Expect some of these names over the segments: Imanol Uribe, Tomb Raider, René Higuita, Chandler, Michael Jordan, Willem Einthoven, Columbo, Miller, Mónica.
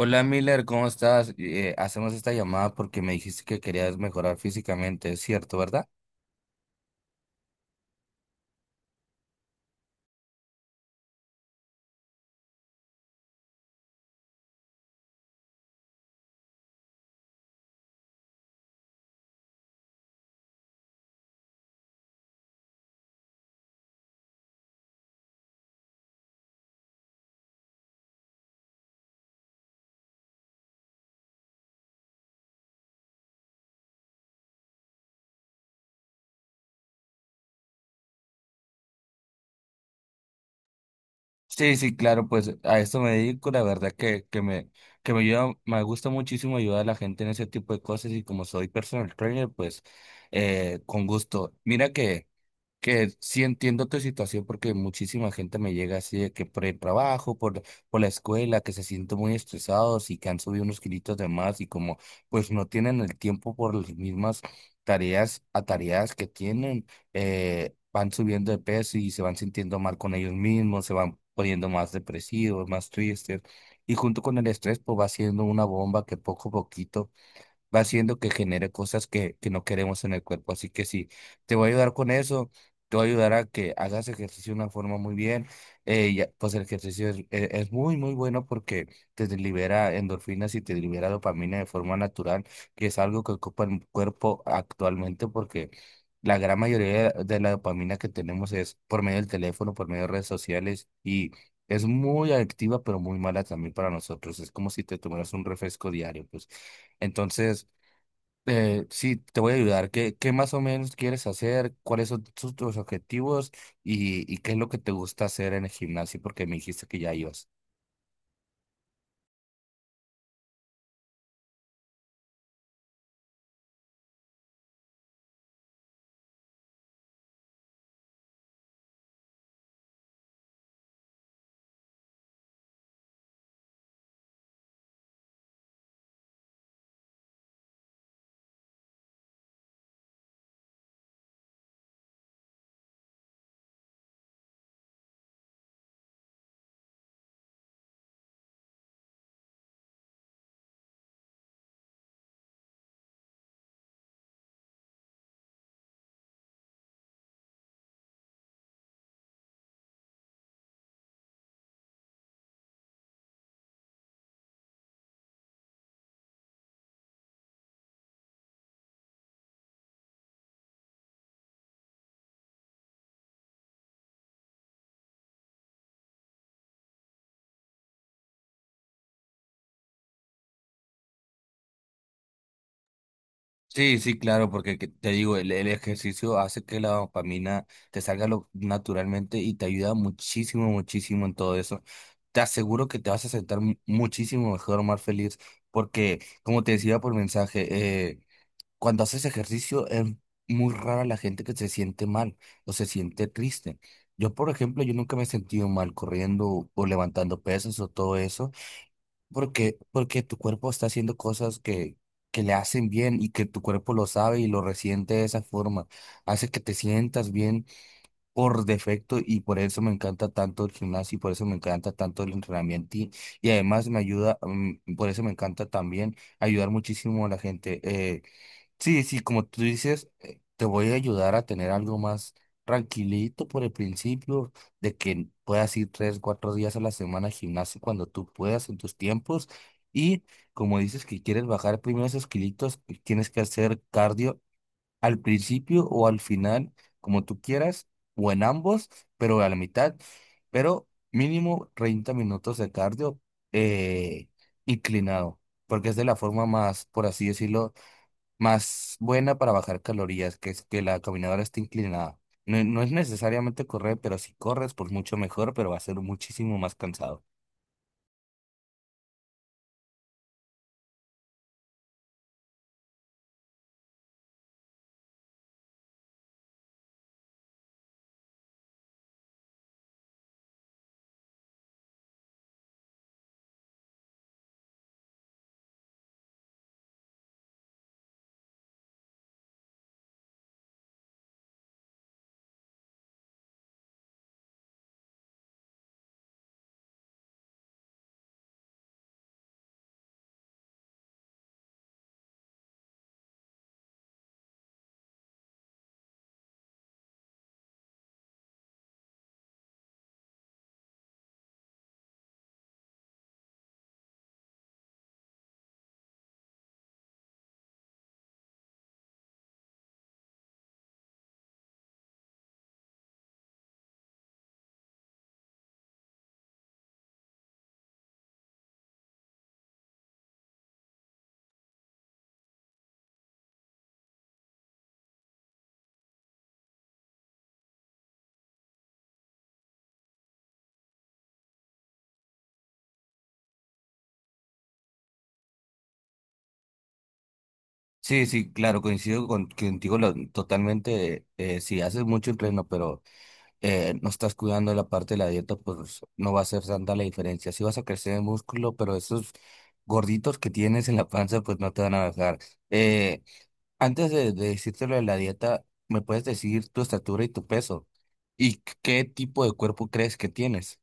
Hola Miller, ¿cómo estás? Hacemos esta llamada porque me dijiste que querías mejorar físicamente, ¿es cierto, verdad? Sí, sí, claro, pues a esto me dedico, la verdad que me ayuda, me gusta muchísimo ayudar a la gente en ese tipo de cosas y como soy personal trainer, pues con gusto. Mira que... Que sí entiendo tu situación porque muchísima gente me llega así de que por el por la escuela, que se sienten muy estresados y que han subido unos kilitos de más y como pues no tienen el tiempo por las mismas tareas que tienen. Van subiendo de peso y se van sintiendo mal con ellos mismos, se van poniendo más depresivos, más tristes, y junto con el estrés pues va siendo una bomba que poco a poquito va haciendo que genere cosas que no queremos en el cuerpo. Así que sí, te voy a ayudar con eso, te voy a ayudar a que hagas ejercicio de una forma muy bien. Ya, pues el ejercicio es muy bueno porque te libera endorfinas y te libera dopamina de forma natural, que es algo que ocupa el cuerpo actualmente porque... La gran mayoría de la dopamina que tenemos es por medio del teléfono, por medio de redes sociales y es muy adictiva, pero muy mala también para nosotros. Es como si te tomaras un refresco diario, pues. Entonces, sí, te voy a ayudar. Qué más o menos quieres hacer? ¿Cuáles son tus objetivos? Y, ¿y qué es lo que te gusta hacer en el gimnasio? Porque me dijiste que ya ibas. Sí, sí, claro, porque te digo, el ejercicio hace que la dopamina te salga naturalmente y te ayuda muchísimo, muchísimo en todo eso. Te aseguro que te vas a sentar muchísimo mejor, más feliz, porque como te decía por mensaje, cuando haces ejercicio es muy rara la gente que se siente mal o se siente triste. Yo, por ejemplo, yo nunca me he sentido mal corriendo o levantando pesas o todo eso, porque tu cuerpo está haciendo cosas que le hacen bien y que tu cuerpo lo sabe y lo resiente de esa forma. Hace que te sientas bien por defecto y por eso me encanta tanto el gimnasio y por eso me encanta tanto el entrenamiento, y además me ayuda, por eso me encanta también ayudar muchísimo a la gente. Sí, sí, como tú dices, te voy a ayudar a tener algo más tranquilito por el principio, de que puedas ir 3, 4 días a la semana al gimnasio cuando tú puedas en tus tiempos. Y como dices que quieres bajar primero esos kilitos, pues tienes que hacer cardio al principio o al final, como tú quieras, o en ambos, pero a la mitad, pero mínimo 30 minutos de cardio eh, inclinado, porque es de la forma más, por así decirlo, más buena para bajar calorías, que es que la caminadora esté inclinada. No, no es necesariamente correr, pero si corres, pues mucho mejor, pero va a ser muchísimo más cansado. Sí, sí, claro, coincido contigo totalmente. Si haces mucho entreno, pero no estás cuidando la parte de la dieta, pues no va a ser tanta la diferencia. Sí vas a crecer en músculo, pero esos gorditos que tienes en la panza, pues no te van a bajar. Eh, Antes de decirte lo de la dieta, ¿me puedes decir tu estatura y tu peso? ¿Y qué tipo de cuerpo crees que tienes?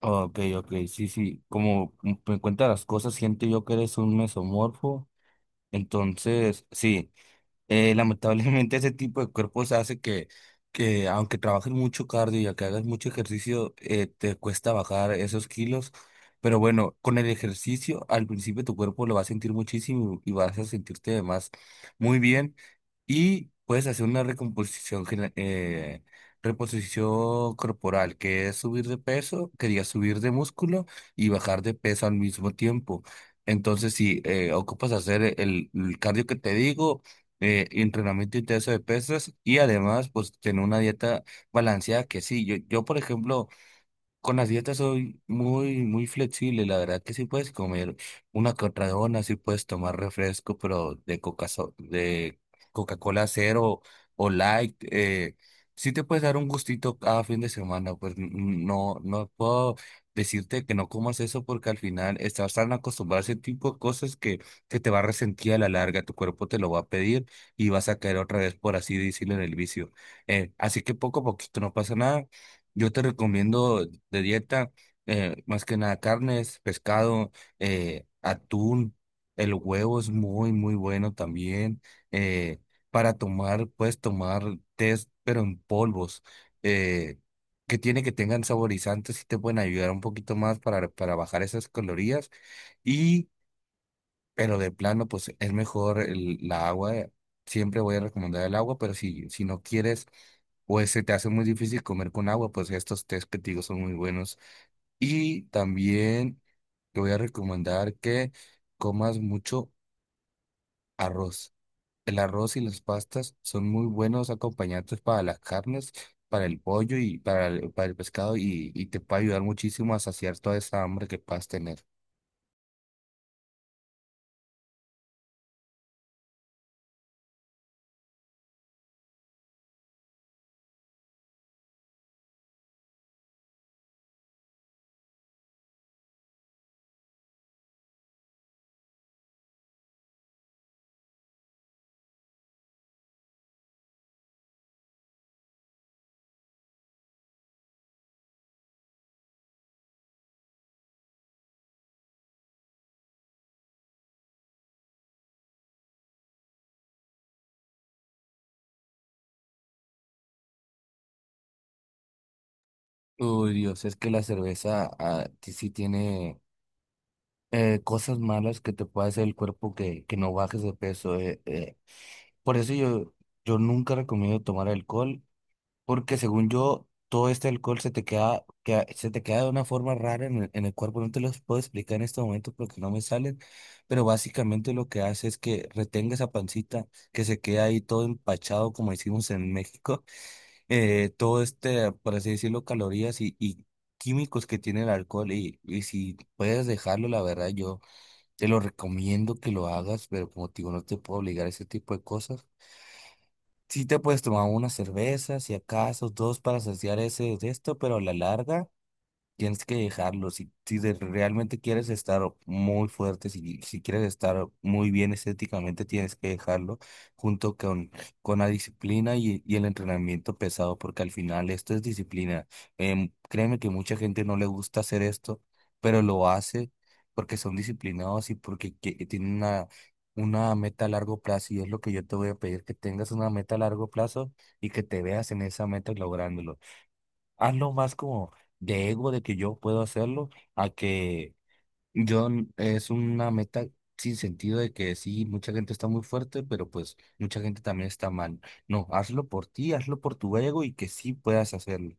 Ok, ok, sí, sí. Como me cuentas las cosas, siento yo que eres un mesomorfo. Entonces, sí. Lamentablemente ese tipo de cuerpos hace que aunque trabajes mucho cardio y aunque hagas mucho ejercicio, te cuesta bajar esos kilos. Pero bueno, con el ejercicio al principio tu cuerpo lo va a sentir muchísimo y vas a sentirte además muy bien. Y puedes hacer una reposición corporal, que es subir de peso, quería subir de músculo y bajar de peso al mismo tiempo. Entonces, si ocupas hacer el cardio que te digo, entrenamiento intenso de pesas y además pues tener una dieta balanceada que sí, yo por ejemplo, con las dietas soy muy, muy flexible, la verdad que sí puedes comer una que otra dona, sí puedes tomar refresco, pero de coca, so- de Coca-Cola cero o light, sí te puedes dar un gustito cada fin de semana, pues no, no puedo decirte que no comas eso porque al final estás tan acostumbrado a ese tipo de cosas que te va a resentir a la larga, tu cuerpo te lo va a pedir y vas a caer otra vez, por así decirlo, en el vicio. Así que poco a poquito no pasa nada. Yo te recomiendo de dieta más que nada carnes, pescado, atún. El huevo es muy, muy bueno también. eh, para tomar, puedes tomar test, pero en polvos, eh, que tiene que tengan saborizantes y te pueden ayudar un poquito más para bajar esas calorías. Y pero de plano, pues es mejor la agua. Siempre voy a recomendar el agua, pero si no quieres o se te hace muy difícil comer con agua, pues estos tés que te digo son muy buenos. Y también te voy a recomendar que comas mucho arroz. El arroz y las pastas son muy buenos acompañantes para las carnes, para el pollo y para para el pescado, y te puede ayudar muchísimo a saciar toda esa hambre que puedas tener. Uy, Dios, es que la cerveza sí tiene cosas malas que te puede hacer el cuerpo que no bajes de peso. Por eso yo nunca recomiendo tomar alcohol, porque según yo, todo este alcohol se te queda, se te queda de una forma rara en en el cuerpo. No te los puedo explicar en este momento porque no me salen, pero básicamente lo que hace es que retenga esa pancita que se queda ahí todo empachado, como decimos en México, todo este, por así decirlo, calorías y químicos que tiene el alcohol y si puedes dejarlo, la verdad, yo... Te lo recomiendo que lo hagas, pero como te digo, no te puedo obligar a ese tipo de cosas. Sí te puedes tomar una cerveza, si acaso, dos para saciar ese de esto, pero a la larga. Tienes que dejarlo. Si, si de- realmente quieres estar muy fuerte, si quieres estar muy bien estéticamente, tienes que dejarlo junto con la disciplina y el entrenamiento pesado, porque al final esto es disciplina. Créeme que mucha gente no le gusta hacer esto, pero lo hace porque son disciplinados y porque tienen una meta a largo plazo. Y es lo que yo te voy a pedir, que tengas una meta a largo plazo y que te veas en esa meta lográndolo, hazlo más como de ego, de que yo puedo hacerlo, a que es una meta sin sentido de que sí, mucha gente está muy fuerte, pero pues mucha gente también está mal. No, hazlo por ti, hazlo por tu ego y que sí puedas hacerlo.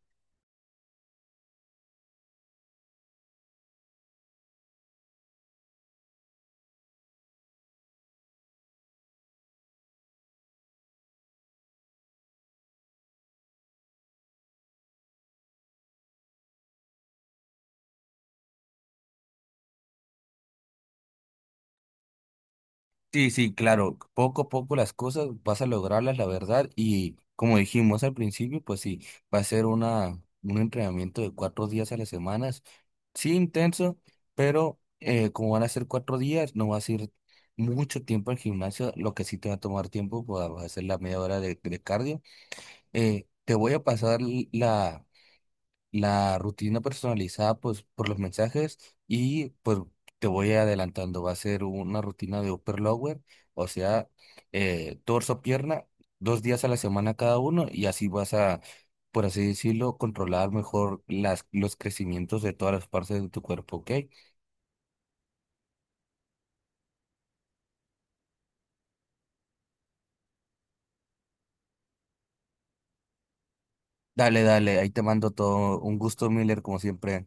Sí, sí, claro, poco a poco las cosas vas a lograrlas, la verdad, y como dijimos al principio, pues sí, va a ser un entrenamiento de cuatro días a la semana. Sí, intenso, pero como van a ser 4 días, no vas a ir mucho tiempo al gimnasio. Lo que sí te va a tomar tiempo, pues vas a hacer la media hora de cardio. Te voy a pasar la rutina personalizada pues, por los mensajes, y pues te voy adelantando. Va a ser una rutina de upper lower, o sea, torso, pierna, 2 días a la semana cada uno y así vas a, por así decirlo, controlar mejor los crecimientos de todas las partes de tu cuerpo, ¿ok? Dale, dale, ahí te mando todo. Un gusto, Miller, como siempre.